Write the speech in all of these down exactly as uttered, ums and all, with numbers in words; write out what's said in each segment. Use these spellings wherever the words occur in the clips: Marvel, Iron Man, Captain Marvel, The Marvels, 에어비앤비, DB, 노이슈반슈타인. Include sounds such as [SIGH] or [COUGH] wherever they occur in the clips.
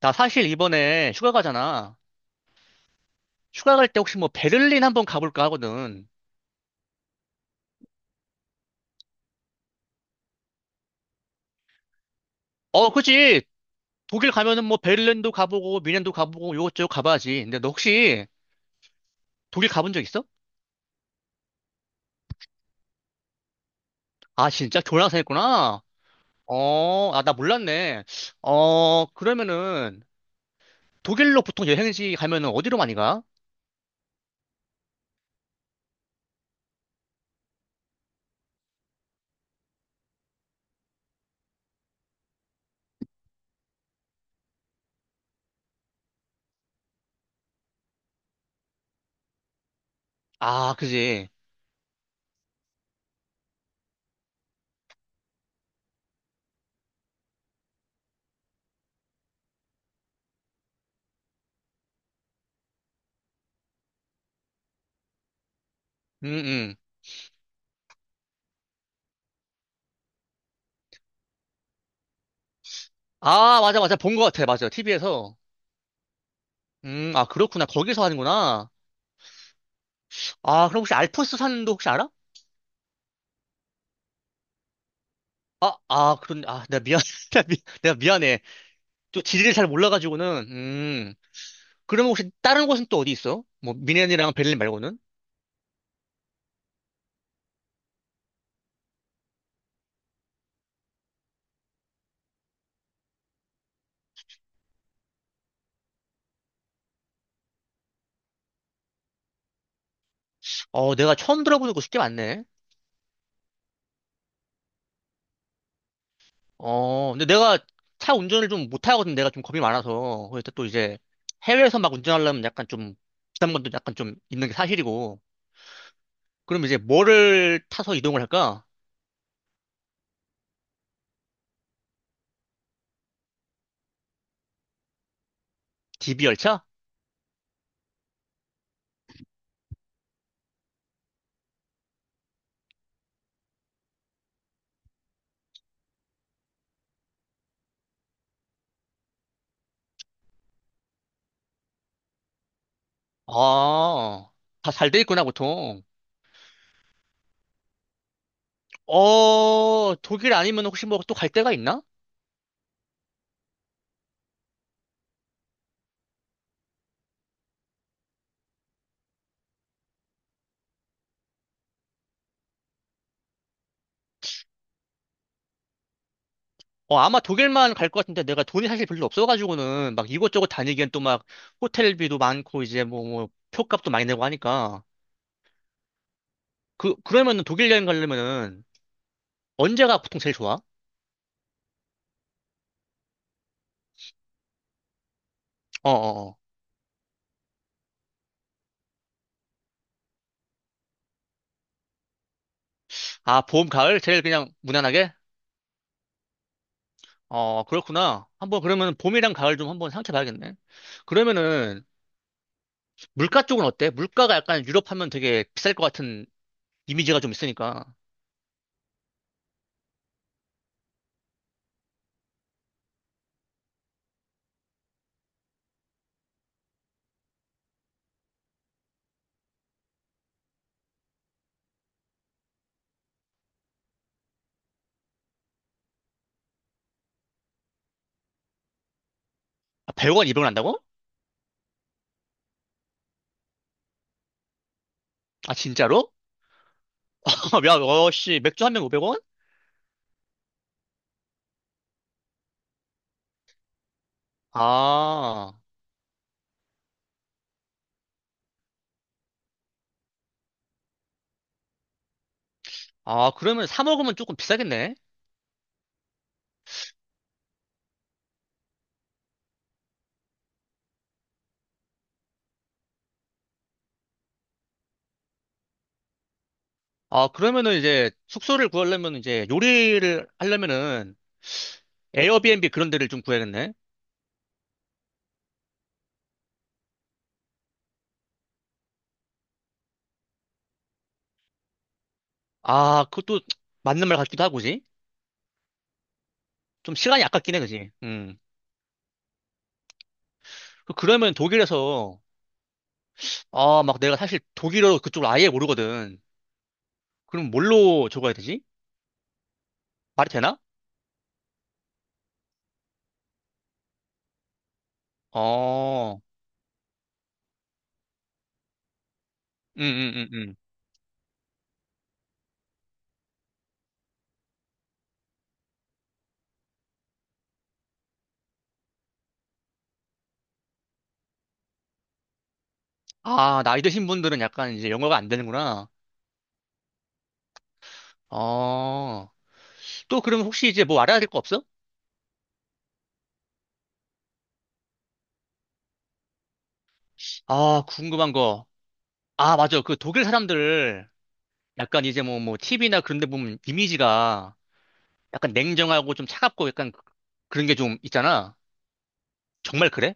나 사실 이번에 휴가 가잖아. 휴가 갈 때 혹시 뭐 베를린 한번 가볼까 하거든. 어, 그치. 독일 가면은 뭐 베를린도 가보고 미넨도 가보고 요것저것 가봐야지. 근데 너 혹시 독일 가본 적 있어? 아, 진짜 교환학생했구나. 어, 아, 나 몰랐네. 어, 그러면은 독일로 보통 여행지 가면은 어디로 많이 가? 아, 그지. 음, 음. 아, 맞아, 맞아. 본 것 같아. 맞아. 티비에서. 음, 아, 그렇구나. 거기서 하는구나. 아, 그럼 혹시 알프스 산도 혹시 알아? 아, 아, 그런, 아, 내가 미안, [LAUGHS] 내가 미- 내가 미안해. 또 지리를 잘 몰라가지고는, 음. 그러면 혹시 다른 곳은 또 어디 있어? 뭐, 미넨이랑 베를린 말고는? 어, 내가 처음 들어보는 곳이 꽤 많네. 어, 근데 내가 차 운전을 좀 못하거든. 내가 좀 겁이 많아서. 그래서 또 이제 해외에서 막 운전하려면 약간 좀 부담감도 약간 좀 있는 게 사실이고. 그럼 이제 뭐를 타서 이동을 할까? 디비 열차? 아, 다 잘 돼 있구나, 보통. 어, 독일 아니면 혹시 뭐 또 갈 데가 있나? 어, 아마 독일만 갈 것 같은데 내가 돈이 사실 별로 없어가지고는 막 이곳저곳 다니기엔 또 막 호텔비도 많고 이제 뭐, 뭐 표값도 많이 내고 하니까 그 그러면은 독일 여행 가려면은 언제가 보통 제일 좋아? 어, 어, 어. 아, 봄, 가을 제일 그냥 무난하게? 어, 그렇구나. 한번 그러면 봄이랑 가을 좀 한번 생각해 봐야겠네. 그러면은 물가 쪽은 어때? 물가가 약간 유럽 하면 되게 비쌀 것 같은 이미지가 좀 있으니까. 아, 백 원, 이백 원 한다고? 아, 진짜로? [LAUGHS] 야, 어, 씨, 맥주 한 병 오백 원? 아. 아, 그러면 사 먹으면 조금 비싸겠네? 아, 그러면은 이제 숙소를 구하려면 이제 요리를 하려면은 에어비앤비 그런 데를 좀 구해야겠네? 아, 그것도 맞는 말 같기도 하고지? 좀 시간이 아깝긴 해, 그지? 음. 그- 그러면 독일에서, 아, 막 내가 사실 독일어 그쪽을 아예 모르거든. 그럼 뭘로 적어야 되지? 말이 되나? 어, 음, 음, 음, 음. 아, 나이 드신 분들은 약간 이제 영어가 안 되는구나. 어, 또 그럼 혹시 이제 뭐 알아야 될 거 없어? 아, 궁금한 거. 아, 맞아. 그 독일 사람들 약간 이제 뭐, 뭐, 티비나 그런 데 보면 이미지가 약간 냉정하고 좀 차갑고 약간 그- 그런 게 좀 있잖아. 정말 그래?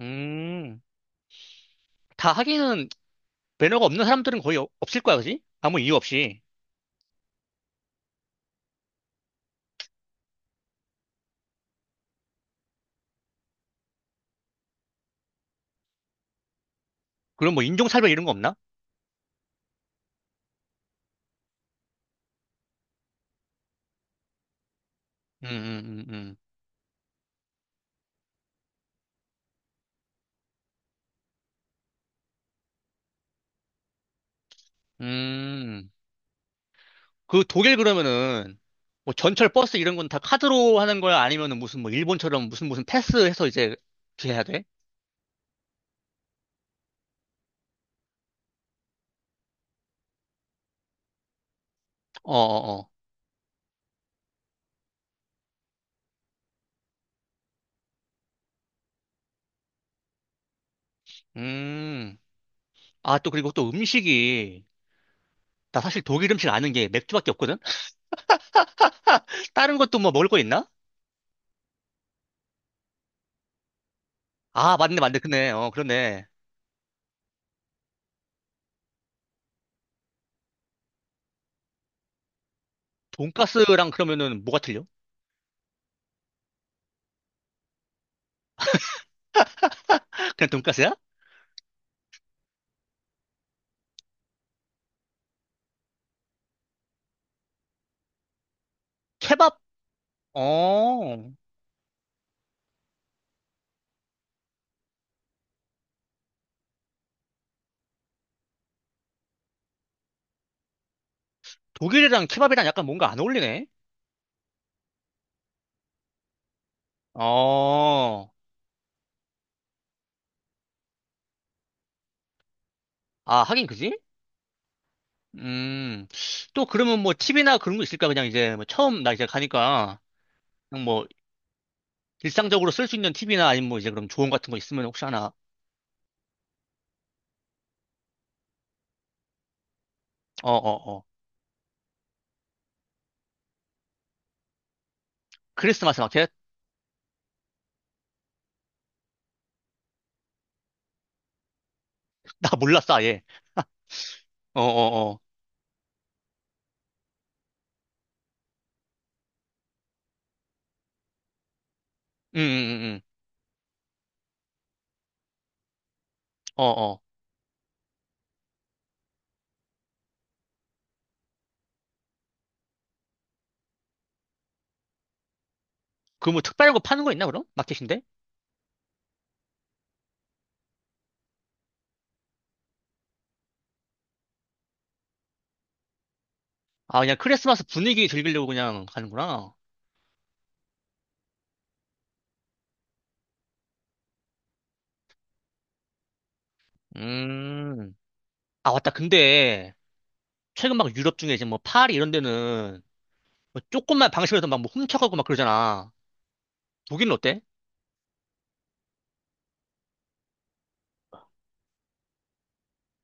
음. 다 하기는 매너가 없는 사람들은 거의 어- 없을 거야, 그지? 아무 이유 없이. 그럼 뭐 인종차별 이런 거 없나? 음, 음, 음, 음. 음. 그 독일 그러면은 뭐 전철 버스 이런 건 다 카드로 하는 거야? 아니면은 무슨 뭐 일본처럼 무슨 무슨 패스해서 이제 이렇게 해야 돼? 어어어. 음. 아, 또 그리고 또 음식이 나 사실 독일 음식 아는 게 맥주밖에 없거든? [LAUGHS] 다른 것도 뭐 먹을 거 있나? 아, 맞네, 맞네. 그네. 어, 그러네. 돈가스랑 그러면은 뭐가 틀려? [LAUGHS] 그냥 돈가스야? 케밥? 어, 독일이랑 케밥이랑 약간 뭔가 안 어울리네? 어, 아, 하긴 그지? 음, 또 그러면 뭐 팁이나 그런 거 있을까? 그냥 이제 뭐 처음 나 이제 가니까 그냥 뭐 일상적으로 쓸 수 있는 팁이나 아니면 뭐 이제 그럼 조언 같은 거 있으면 혹시 하나? 어, 어, 어. 크리스마스 마켓? [LAUGHS] 나 몰랐어, 아예. 어, 어, 어. 음, 음, 음. 음. 어, 어. 그 뭐 특별한 거 파는 거 있나 그럼? 마켓인데? 아, 그냥 크리스마스 분위기 즐기려고 그냥 가는구나. 음. 아, 맞다. 근데 최근 막 유럽 중에 이제 뭐 파리 이런 데는 뭐 조금만 방심해서 막뭐 훔쳐가고 막 그러잖아. 독일은 어때?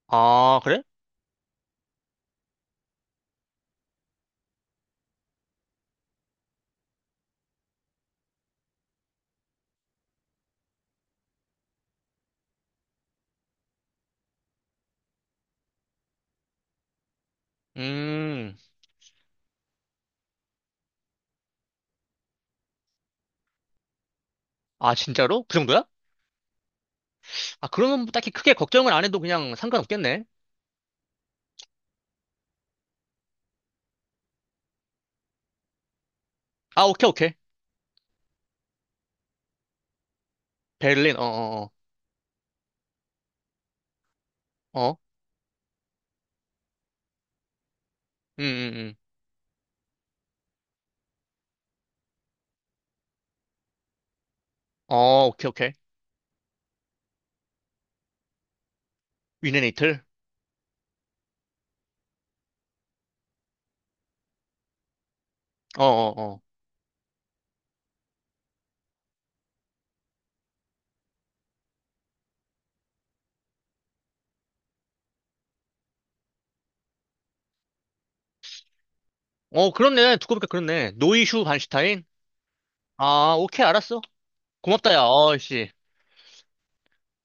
아, 그래? 음. 아, 진짜로? 그 정도야? 아, 그러면 뭐 딱히 크게 걱정을 안 해도 그냥 상관없겠네. 아, 오케이, 오케이. 베를린. 어어어. 어. 어, 어. 어. 음. 음, 음. 어, 오케이, 오케이. 위넨 이틀. 어어어. 어, 어, 어. 어, 그렇네. 두고 보니까 그렇네. 노이슈 반슈타인. 아, 오케이, 알았어. 고맙다, 야. 어이씨.